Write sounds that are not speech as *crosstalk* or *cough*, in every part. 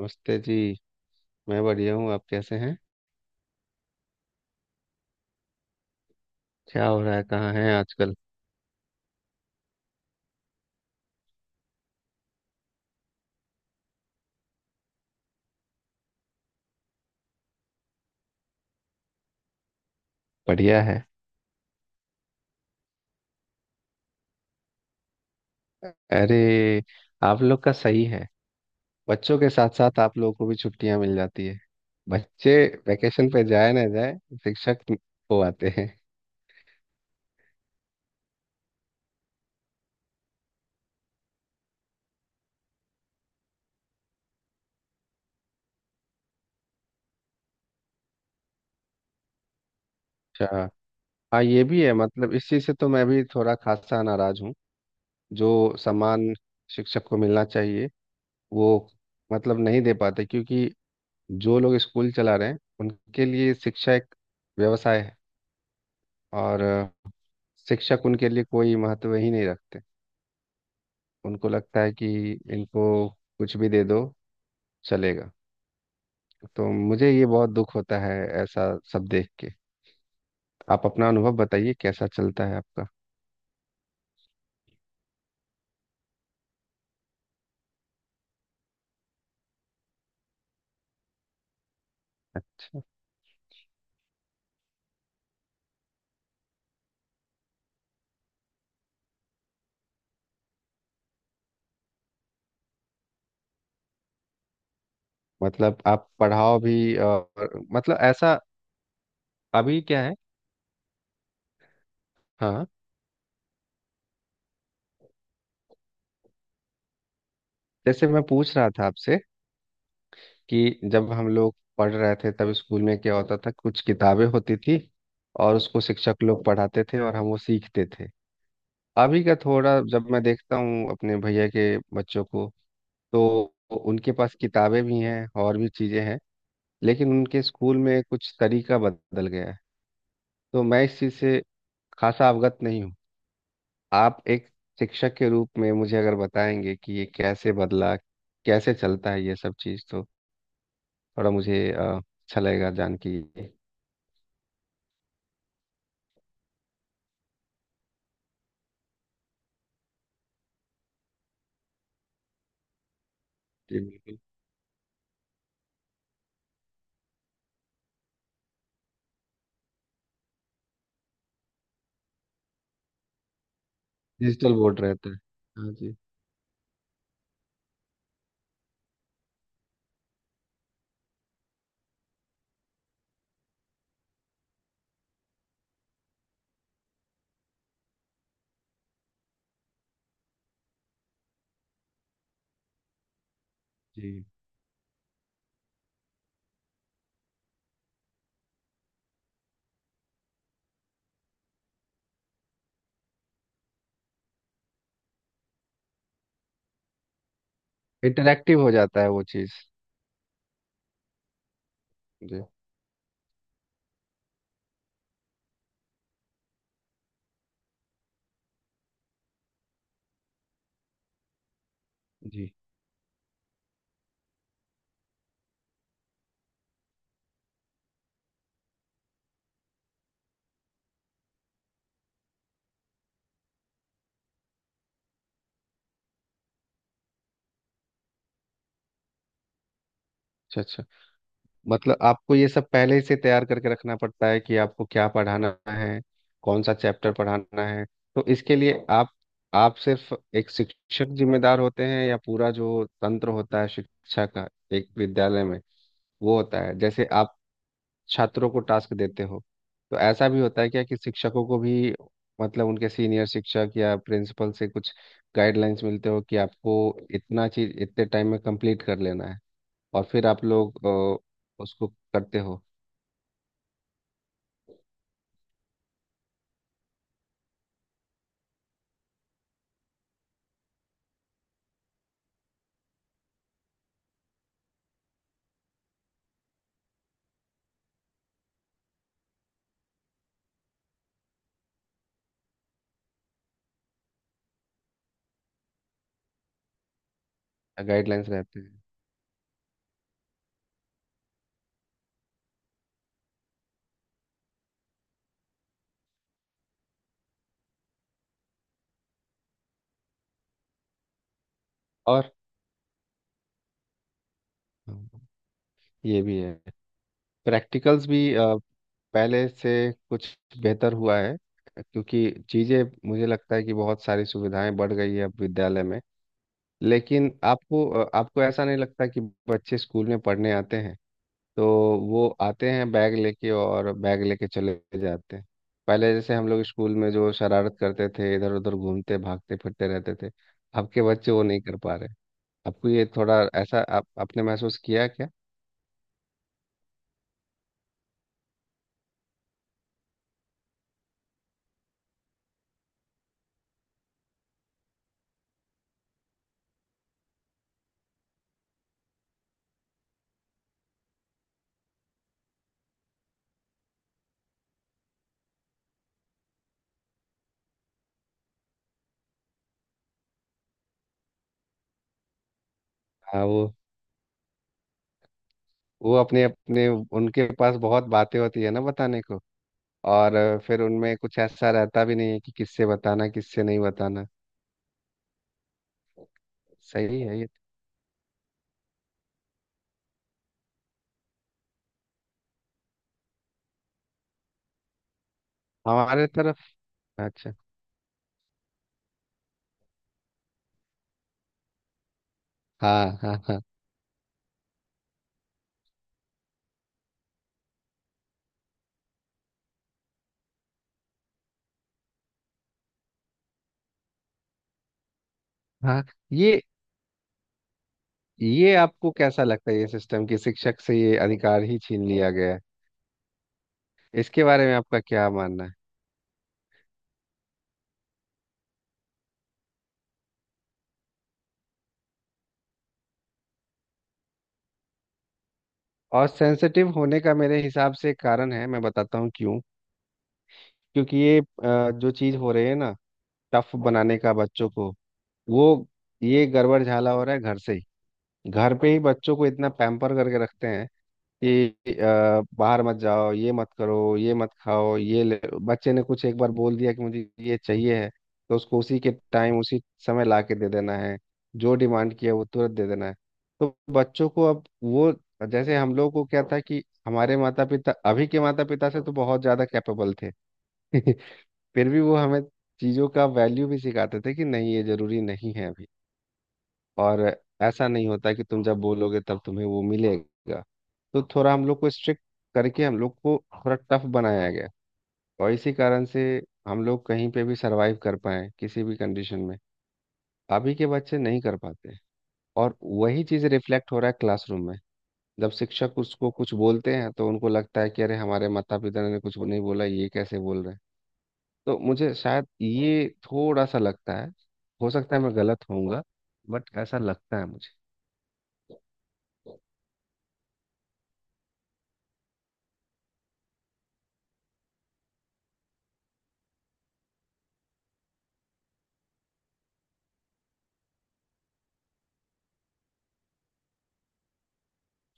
नमस्ते जी। मैं बढ़िया हूँ, आप कैसे हैं? क्या हो रहा है, कहाँ हैं आजकल? बढ़िया है। अरे, आप लोग का सही है। बच्चों के साथ साथ आप लोगों को भी छुट्टियां मिल जाती है। बच्चे वैकेशन पे जाए ना जाए, शिक्षक हो आते हैं। अच्छा। हाँ, ये भी है। मतलब इस चीज़ से तो मैं भी थोड़ा खासा नाराज हूँ। जो सम्मान शिक्षक को मिलना चाहिए, वो मतलब नहीं दे पाते, क्योंकि जो लोग स्कूल चला रहे हैं उनके लिए शिक्षा एक व्यवसाय है। और शिक्षक उनके लिए कोई महत्व ही नहीं रखते। उनको लगता है कि इनको कुछ भी दे दो, चलेगा। तो मुझे ये बहुत दुख होता है, ऐसा सब देख के। आप अपना अनुभव बताइए, कैसा चलता है आपका? मतलब आप पढ़ाओ भी, और मतलब ऐसा। अभी क्या है? हाँ, जैसे मैं पूछ रहा था आपसे कि जब हम लोग पढ़ रहे थे तब स्कूल में क्या होता था, कुछ किताबें होती थी और उसको शिक्षक लोग पढ़ाते थे और हम वो सीखते थे। अभी का थोड़ा, जब मैं देखता हूँ अपने भैया के बच्चों को, तो उनके पास किताबें भी हैं और भी चीज़ें हैं, लेकिन उनके स्कूल में कुछ तरीका बदल गया है। तो मैं इस चीज़ से खासा अवगत नहीं हूँ। आप एक शिक्षक के रूप में मुझे अगर बताएंगे कि ये कैसे बदला, कैसे चलता है ये सब चीज़, तो थोड़ा मुझे अच्छा लगेगा जान के ये। जी, बिल्कुल। डिजिटल बोर्ड रहता है। हाँ जी। जी। इंटरेक्टिव हो जाता है वो चीज़। जी। जी। अच्छा अच्छा। मतलब आपको ये सब पहले से तैयार करके रखना पड़ता है कि आपको क्या पढ़ाना है, कौन सा चैप्टर पढ़ाना है। तो इसके लिए आप सिर्फ एक शिक्षक जिम्मेदार होते हैं, या पूरा जो तंत्र होता है शिक्षा का, एक विद्यालय में, वो होता है? जैसे आप छात्रों को टास्क देते हो, तो ऐसा भी होता है क्या कि शिक्षकों को भी, मतलब उनके सीनियर शिक्षक या प्रिंसिपल से कुछ गाइडलाइंस मिलते हो कि आपको इतना चीज इतने टाइम में कंप्लीट कर लेना है, और फिर आप लोग उसको करते हो? गाइडलाइंस रहते हैं। और हाँ, ये भी है। प्रैक्टिकल्स भी पहले से कुछ बेहतर हुआ है, क्योंकि चीज़ें, मुझे लगता है कि बहुत सारी सुविधाएं बढ़ गई है अब विद्यालय में। लेकिन आपको ऐसा नहीं लगता कि बच्चे स्कूल में पढ़ने आते हैं, तो वो आते हैं बैग लेके और बैग लेके चले जाते हैं? पहले जैसे हम लोग स्कूल में जो शरारत करते थे, इधर उधर घूमते भागते फिरते रहते थे, अब के बच्चे वो नहीं कर पा रहे। आपको ये थोड़ा ऐसा, आप आपने महसूस किया क्या? हाँ, वो अपने अपने, उनके पास बहुत बातें होती है ना बताने को। और फिर उनमें कुछ ऐसा रहता भी नहीं है कि किससे बताना किससे नहीं बताना। सही है ये। हमारे तरफ, अच्छा। हाँ हाँ हाँ। हाँ, ये ये आपको कैसा लगता है ये सिस्टम, कि शिक्षक से ये अधिकार ही छीन लिया गया है? इसके बारे में आपका क्या मानना है? और सेंसिटिव होने का मेरे हिसाब से कारण है, मैं बताता हूँ क्यों। क्योंकि ये जो चीज़ हो रही है ना, टफ बनाने का बच्चों को, वो ये गड़बड़ झाला हो रहा है घर से ही। घर पे ही बच्चों को इतना पैम्पर करके रखते हैं कि बाहर मत जाओ, ये मत करो, ये मत खाओ, ये ले। बच्चे ने कुछ एक बार बोल दिया कि मुझे ये चाहिए है, तो उसको उसी के टाइम, उसी समय ला के दे देना है। जो डिमांड किया वो तुरंत दे देना है। तो बच्चों को अब वो, जैसे हम लोग को क्या था कि हमारे माता पिता अभी के माता पिता से तो बहुत ज़्यादा कैपेबल थे *laughs* फिर भी वो हमें चीज़ों का वैल्यू भी सिखाते थे कि नहीं, ये ज़रूरी नहीं है। और ऐसा नहीं होता कि तुम जब बोलोगे तब तुम्हें वो मिलेगा। तो थोड़ा हम लोग को स्ट्रिक्ट करके, हम लोग को थोड़ा टफ बनाया गया। और इसी कारण से हम लोग कहीं पे भी सरवाइव कर पाए किसी भी कंडीशन में। अभी के बच्चे नहीं कर पाते, और वही चीज़ रिफ्लेक्ट हो रहा है क्लासरूम में। जब शिक्षक उसको कुछ बोलते हैं, तो उनको लगता है कि अरे, हमारे माता पिता ने कुछ नहीं बोला, ये कैसे बोल रहे हैं? तो मुझे शायद ये थोड़ा सा लगता है। हो सकता है मैं गलत होऊंगा, बट ऐसा लगता है मुझे।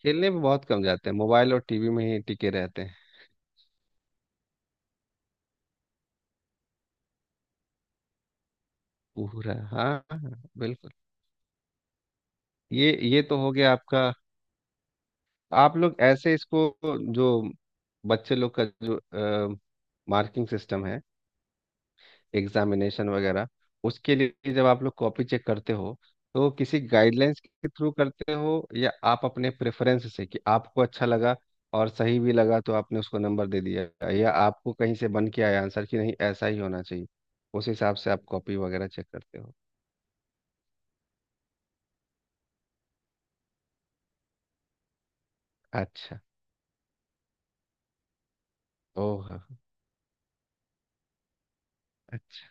खेलने पे बहुत कम जाते हैं, मोबाइल और टीवी में ही टिके रहते हैं। पूरा, हाँ हाँ, बिल्कुल। ये तो हो गया आपका। आप लोग ऐसे इसको, जो बच्चे लोग का जो मार्किंग सिस्टम है, एग्जामिनेशन वगैरह, उसके लिए जब आप लोग कॉपी चेक करते हो, तो किसी गाइडलाइंस के थ्रू करते हो, या आप अपने प्रेफरेंस से कि आपको अच्छा लगा और सही भी लगा तो आपने उसको नंबर दे दिया, या आपको कहीं से बन के आया आंसर कि नहीं, ऐसा ही होना चाहिए, उस हिसाब से आप कॉपी वगैरह चेक करते हो? अच्छा। ओह। अच्छा।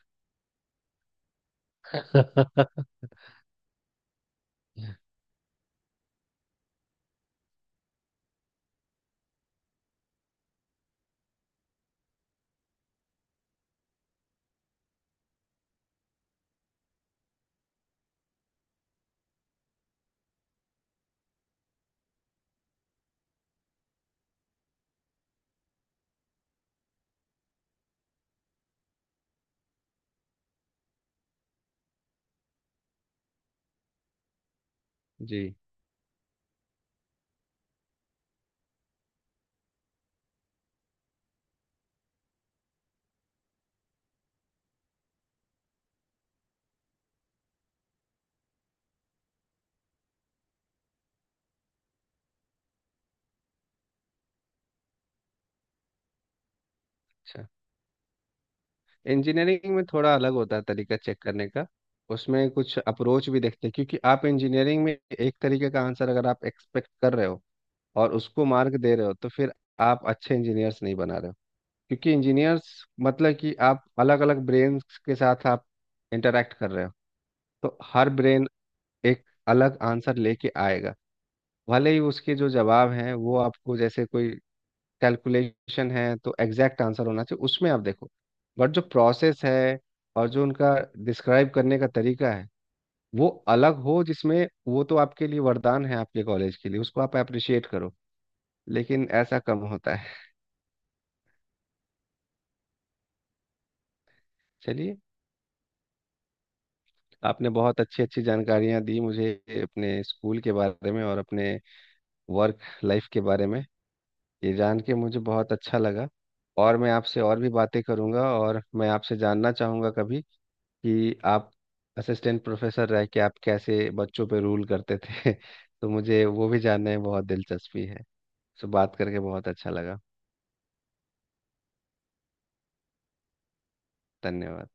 *laughs* जी। अच्छा, इंजीनियरिंग में थोड़ा अलग होता है तरीका चेक करने का। उसमें कुछ अप्रोच भी देखते हैं, क्योंकि आप इंजीनियरिंग में एक तरीके का आंसर अगर आप एक्सपेक्ट कर रहे हो और उसको मार्क दे रहे हो, तो फिर आप अच्छे इंजीनियर्स नहीं बना रहे हो। क्योंकि इंजीनियर्स, मतलब कि आप अलग अलग ब्रेन के साथ आप इंटरेक्ट कर रहे हो, तो हर ब्रेन एक अलग आंसर लेके आएगा। भले ही उसके जो जवाब हैं वो आपको, जैसे कोई कैलकुलेशन है तो एग्जैक्ट आंसर होना चाहिए, उसमें आप देखो, बट जो प्रोसेस है और जो उनका डिस्क्राइब करने का तरीका है, वो अलग हो जिसमें, वो तो आपके लिए वरदान है, आपके कॉलेज के लिए, उसको आप अप्रिशिएट करो। लेकिन ऐसा कम होता है। चलिए, आपने बहुत अच्छी अच्छी जानकारियां दी मुझे, अपने स्कूल के बारे में और अपने वर्क लाइफ के बारे में। ये जान के मुझे बहुत अच्छा लगा। और मैं आपसे और भी बातें करूंगा, और मैं आपसे जानना चाहूंगा कभी कि आप असिस्टेंट प्रोफेसर रह के आप कैसे बच्चों पे रूल करते थे *laughs* तो मुझे वो भी जानने में बहुत दिलचस्पी है। सो बात करके बहुत अच्छा लगा। धन्यवाद।